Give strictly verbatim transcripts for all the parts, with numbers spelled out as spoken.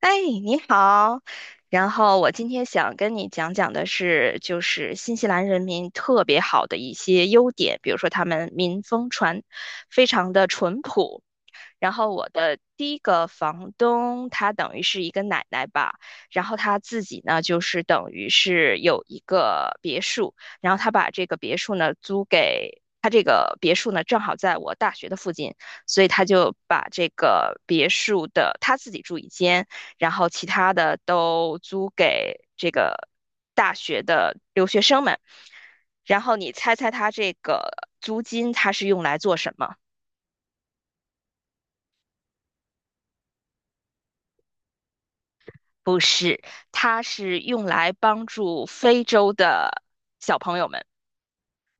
哎，你好。然后我今天想跟你讲讲的是，就是新西兰人民特别好的一些优点，比如说他们民风传非常的淳朴。然后我的第一个房东，她等于是一个奶奶吧。然后她自己呢，就是等于是有一个别墅，然后她把这个别墅呢租给他，这个别墅呢正好在我大学的附近，所以他就把这个别墅的他自己住一间，然后其他的都租给这个大学的留学生们。然后你猜猜他这个租金他是用来做什么？不是，它是用来帮助非洲的小朋友们，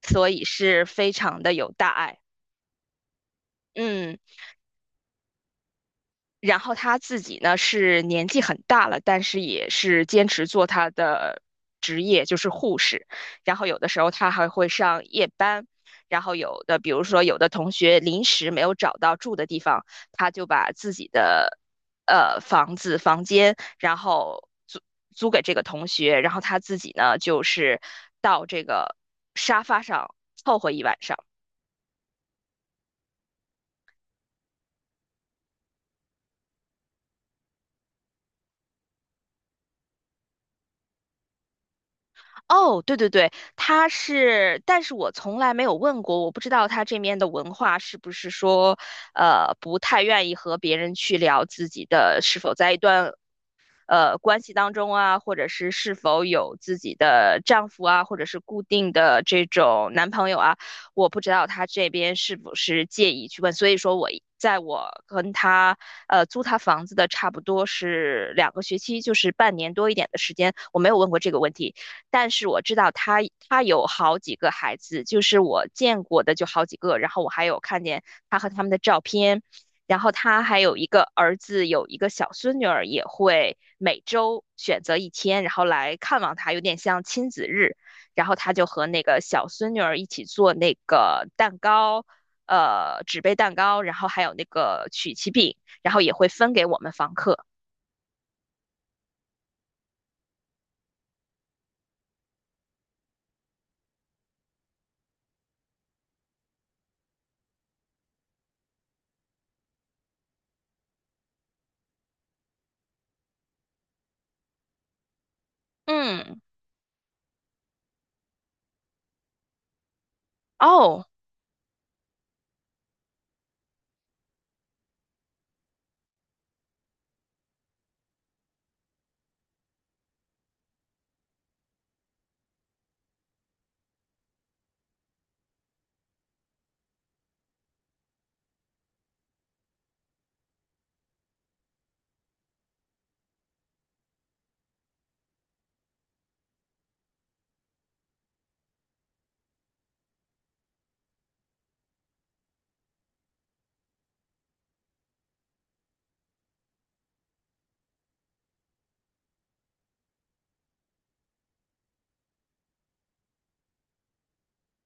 所以是非常的有大爱。嗯。然后他自己呢是年纪很大了，但是也是坚持做他的职业，就是护士。然后有的时候他还会上夜班，然后有的比如说有的同学临时没有找到住的地方，他就把自己的呃房子房间，然后租租给这个同学，然后他自己呢就是到这个沙发上凑合一晚上。哦，对对对，他是，但是我从来没有问过，我不知道他这面的文化是不是说，呃，不太愿意和别人去聊自己的，是否在一段呃关系当中啊，或者是是否有自己的丈夫啊，或者是固定的这种男朋友啊，我不知道他这边是不是介意去问，所以说我在我跟他呃租他房子的差不多是两个学期，就是半年多一点的时间，我没有问过这个问题，但是我知道他他有好几个孩子，就是我见过的就好几个，然后我还有看见他和他们的照片。然后他还有一个儿子，有一个小孙女儿，也会每周选择一天，然后来看望他，有点像亲子日。然后他就和那个小孙女儿一起做那个蛋糕，呃，纸杯蛋糕，然后还有那个曲奇饼，然后也会分给我们房客。嗯，哦，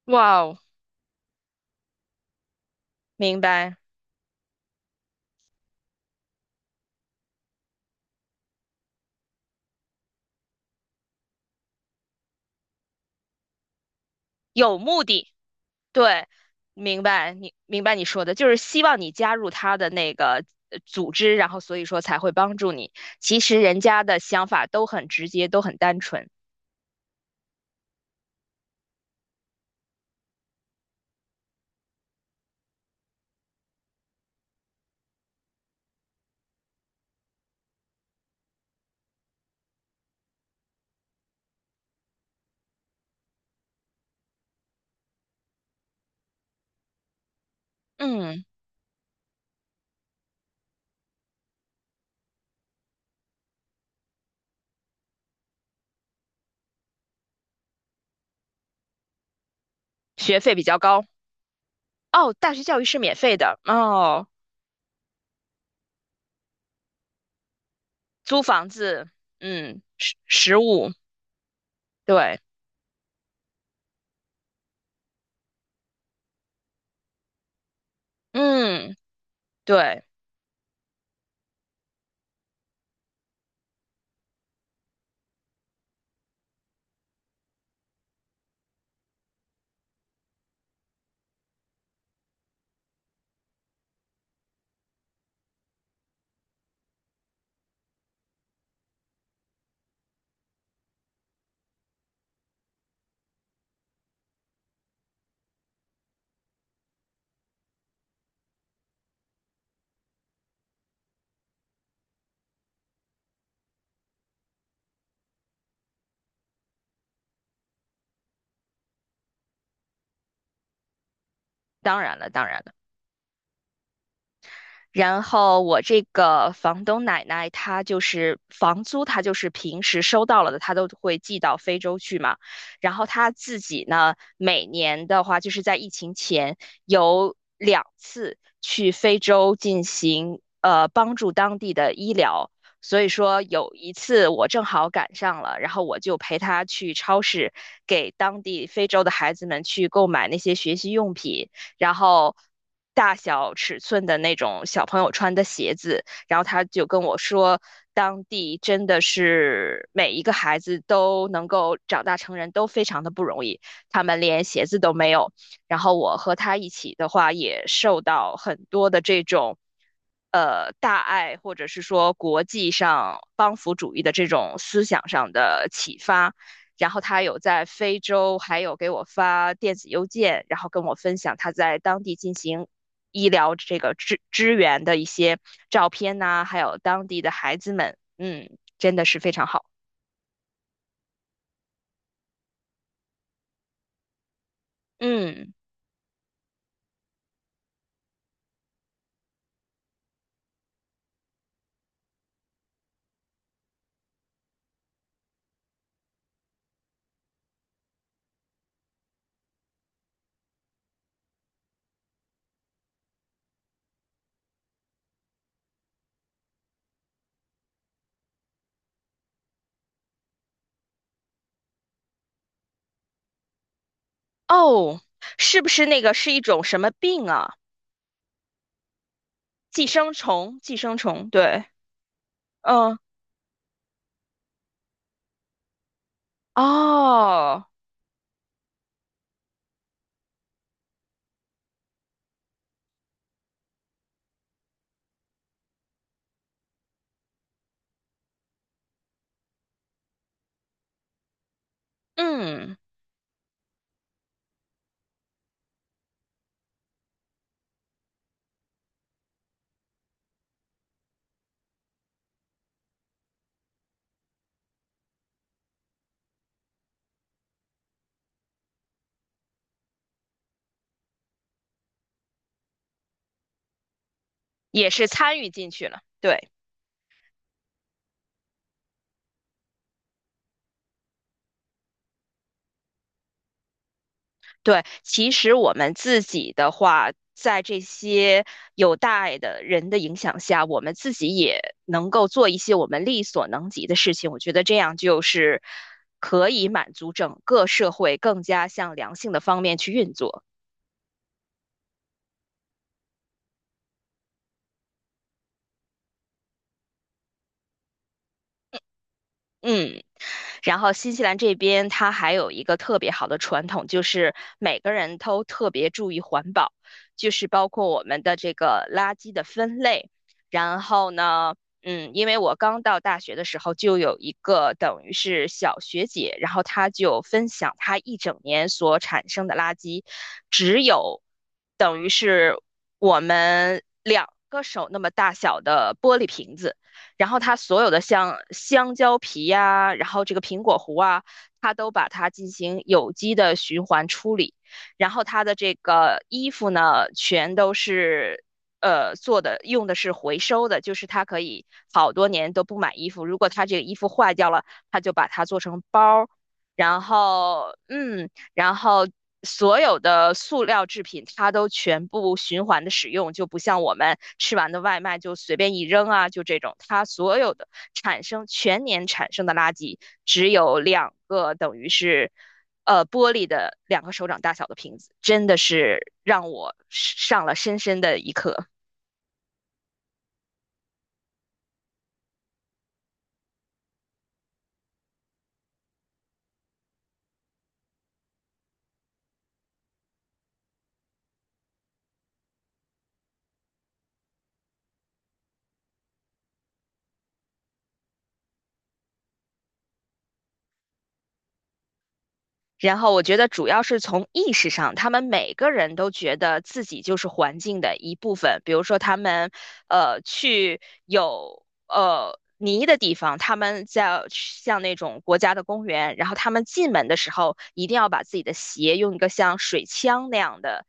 哇哦，明白，有目的。对，明白你明白你说的，就是希望你加入他的那个呃组织，然后所以说才会帮助你。其实人家的想法都很直接，都很单纯。嗯，学费比较高哦，大学教育是免费的哦，租房子，嗯，食食物，对，嗯，对，当然了，当然了。然后我这个房东奶奶，她就是房租，她就是平时收到了的，她都会寄到非洲去嘛。然后她自己呢，每年的话，就是在疫情前有两次去非洲进行呃帮助当地的医疗。所以说有一次我正好赶上了，然后我就陪她去超市给当地非洲的孩子们去购买那些学习用品。然后大小尺寸的那种小朋友穿的鞋子，然后他就跟我说，当地真的是每一个孩子都能够长大成人都非常的不容易，他们连鞋子都没有。然后我和他一起的话，也受到很多的这种。呃，大爱或者是说国际上帮扶主义的这种思想上的启发，然后他有在非洲，还有给我发电子邮件，然后跟我分享他在当地进行医疗这个支支援的一些照片呐、还有当地的孩子们，嗯，真的是非常好。嗯，哦，是不是那个是一种什么病啊？寄生虫，寄生虫，对，嗯，哦，嗯，也是参与进去了，对。对，其实我们自己的话，在这些有大爱的人的影响下，我们自己也能够做一些我们力所能及的事情。我觉得这样就是可以满足整个社会更加向良性的方面去运作。嗯，然后新西兰这边它还有一个特别好的传统，就是每个人都特别注意环保，就是包括我们的这个垃圾的分类。然后呢，嗯，因为我刚到大学的时候就有一个等于是小学姐，然后她就分享她一整年所产生的垃圾，只有等于是我们两个手那么大小的玻璃瓶子。然后它所有的像香蕉皮呀、然后这个苹果核啊，它都把它进行有机的循环处理。然后它的这个衣服呢，全都是呃做的用的是回收的，就是它可以好多年都不买衣服，如果它这个衣服坏掉了，它就把它做成包儿。然后，嗯，然后所有的塑料制品它都全部循环的使用，就不像我们吃完的外卖就随便一扔啊，就这种，它所有的产生全年产生的垃圾只有两个等于是。呃，玻璃的两个手掌大小的瓶子，真的是让我上了深深的一课。然后我觉得主要是从意识上，他们每个人都觉得自己就是环境的一部分。比如说，他们呃去有呃泥的地方，他们在像那种国家的公园，然后他们进门的时候一定要把自己的鞋用一个像水枪那样的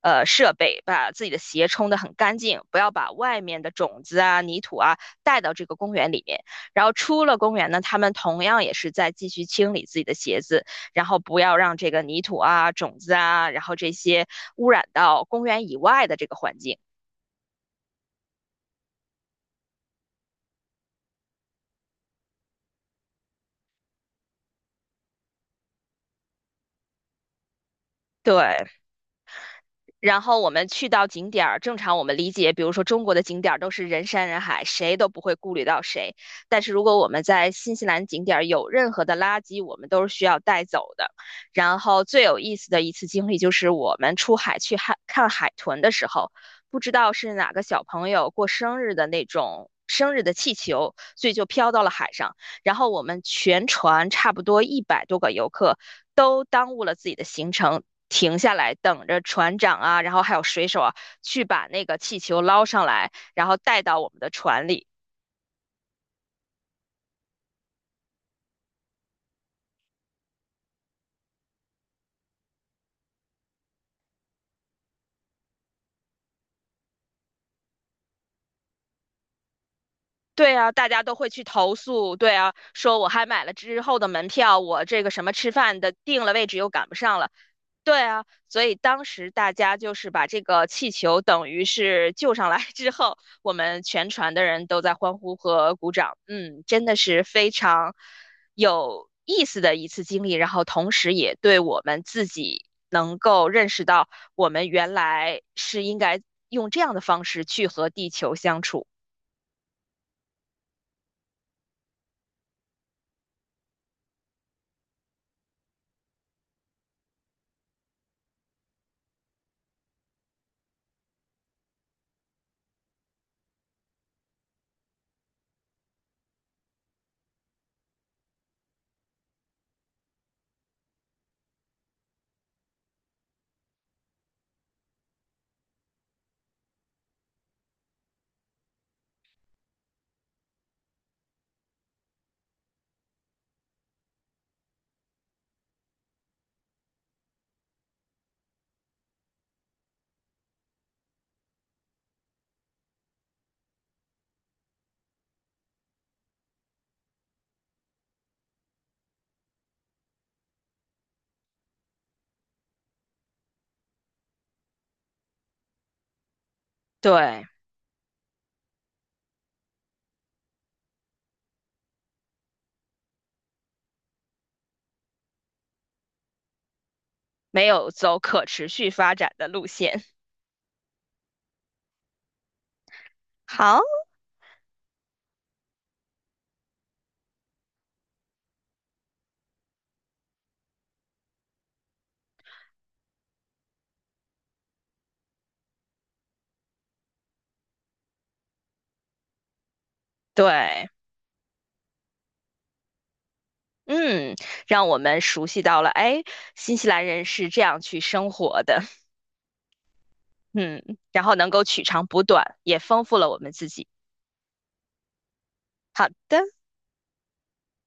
呃设备把自己的鞋冲得很干净，不要把外面的种子啊、泥土啊带到这个公园里面。然后出了公园呢，他们同样也是在继续清理自己的鞋子。然后不要让这个泥土啊、种子啊，然后这些污染到公园以外的这个环境。对，然后我们去到景点儿，正常我们理解，比如说中国的景点儿都是人山人海，谁都不会顾虑到谁。但是如果我们在新西兰景点儿有任何的垃圾，我们都是需要带走的。然后最有意思的一次经历就是我们出海去海看海豚的时候，不知道是哪个小朋友过生日的那种生日的气球，所以就飘到了海上。然后我们全船差不多一百多个游客都耽误了自己的行程，停下来等着船长啊，然后还有水手啊，去把那个气球捞上来，然后带到我们的船里。对啊，大家都会去投诉。对啊，说我还买了之后的门票，我这个什么吃饭的定了位置又赶不上了。对啊，所以当时大家就是把这个气球等于是救上来 之后，我们全船的人都在欢呼和鼓掌。嗯，真的是非常有意思的一次经历，然后同时也对我们自己能够认识到，我们原来是应该用这样的方式去和地球相处，对，没有走可持续发展的路线。好，对。嗯，让我们熟悉到了，哎，新西兰人是这样去生活的，嗯，然后能够取长补短，也丰富了我们自己。好的，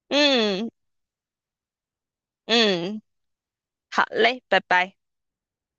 嗯嗯，好嘞，拜拜。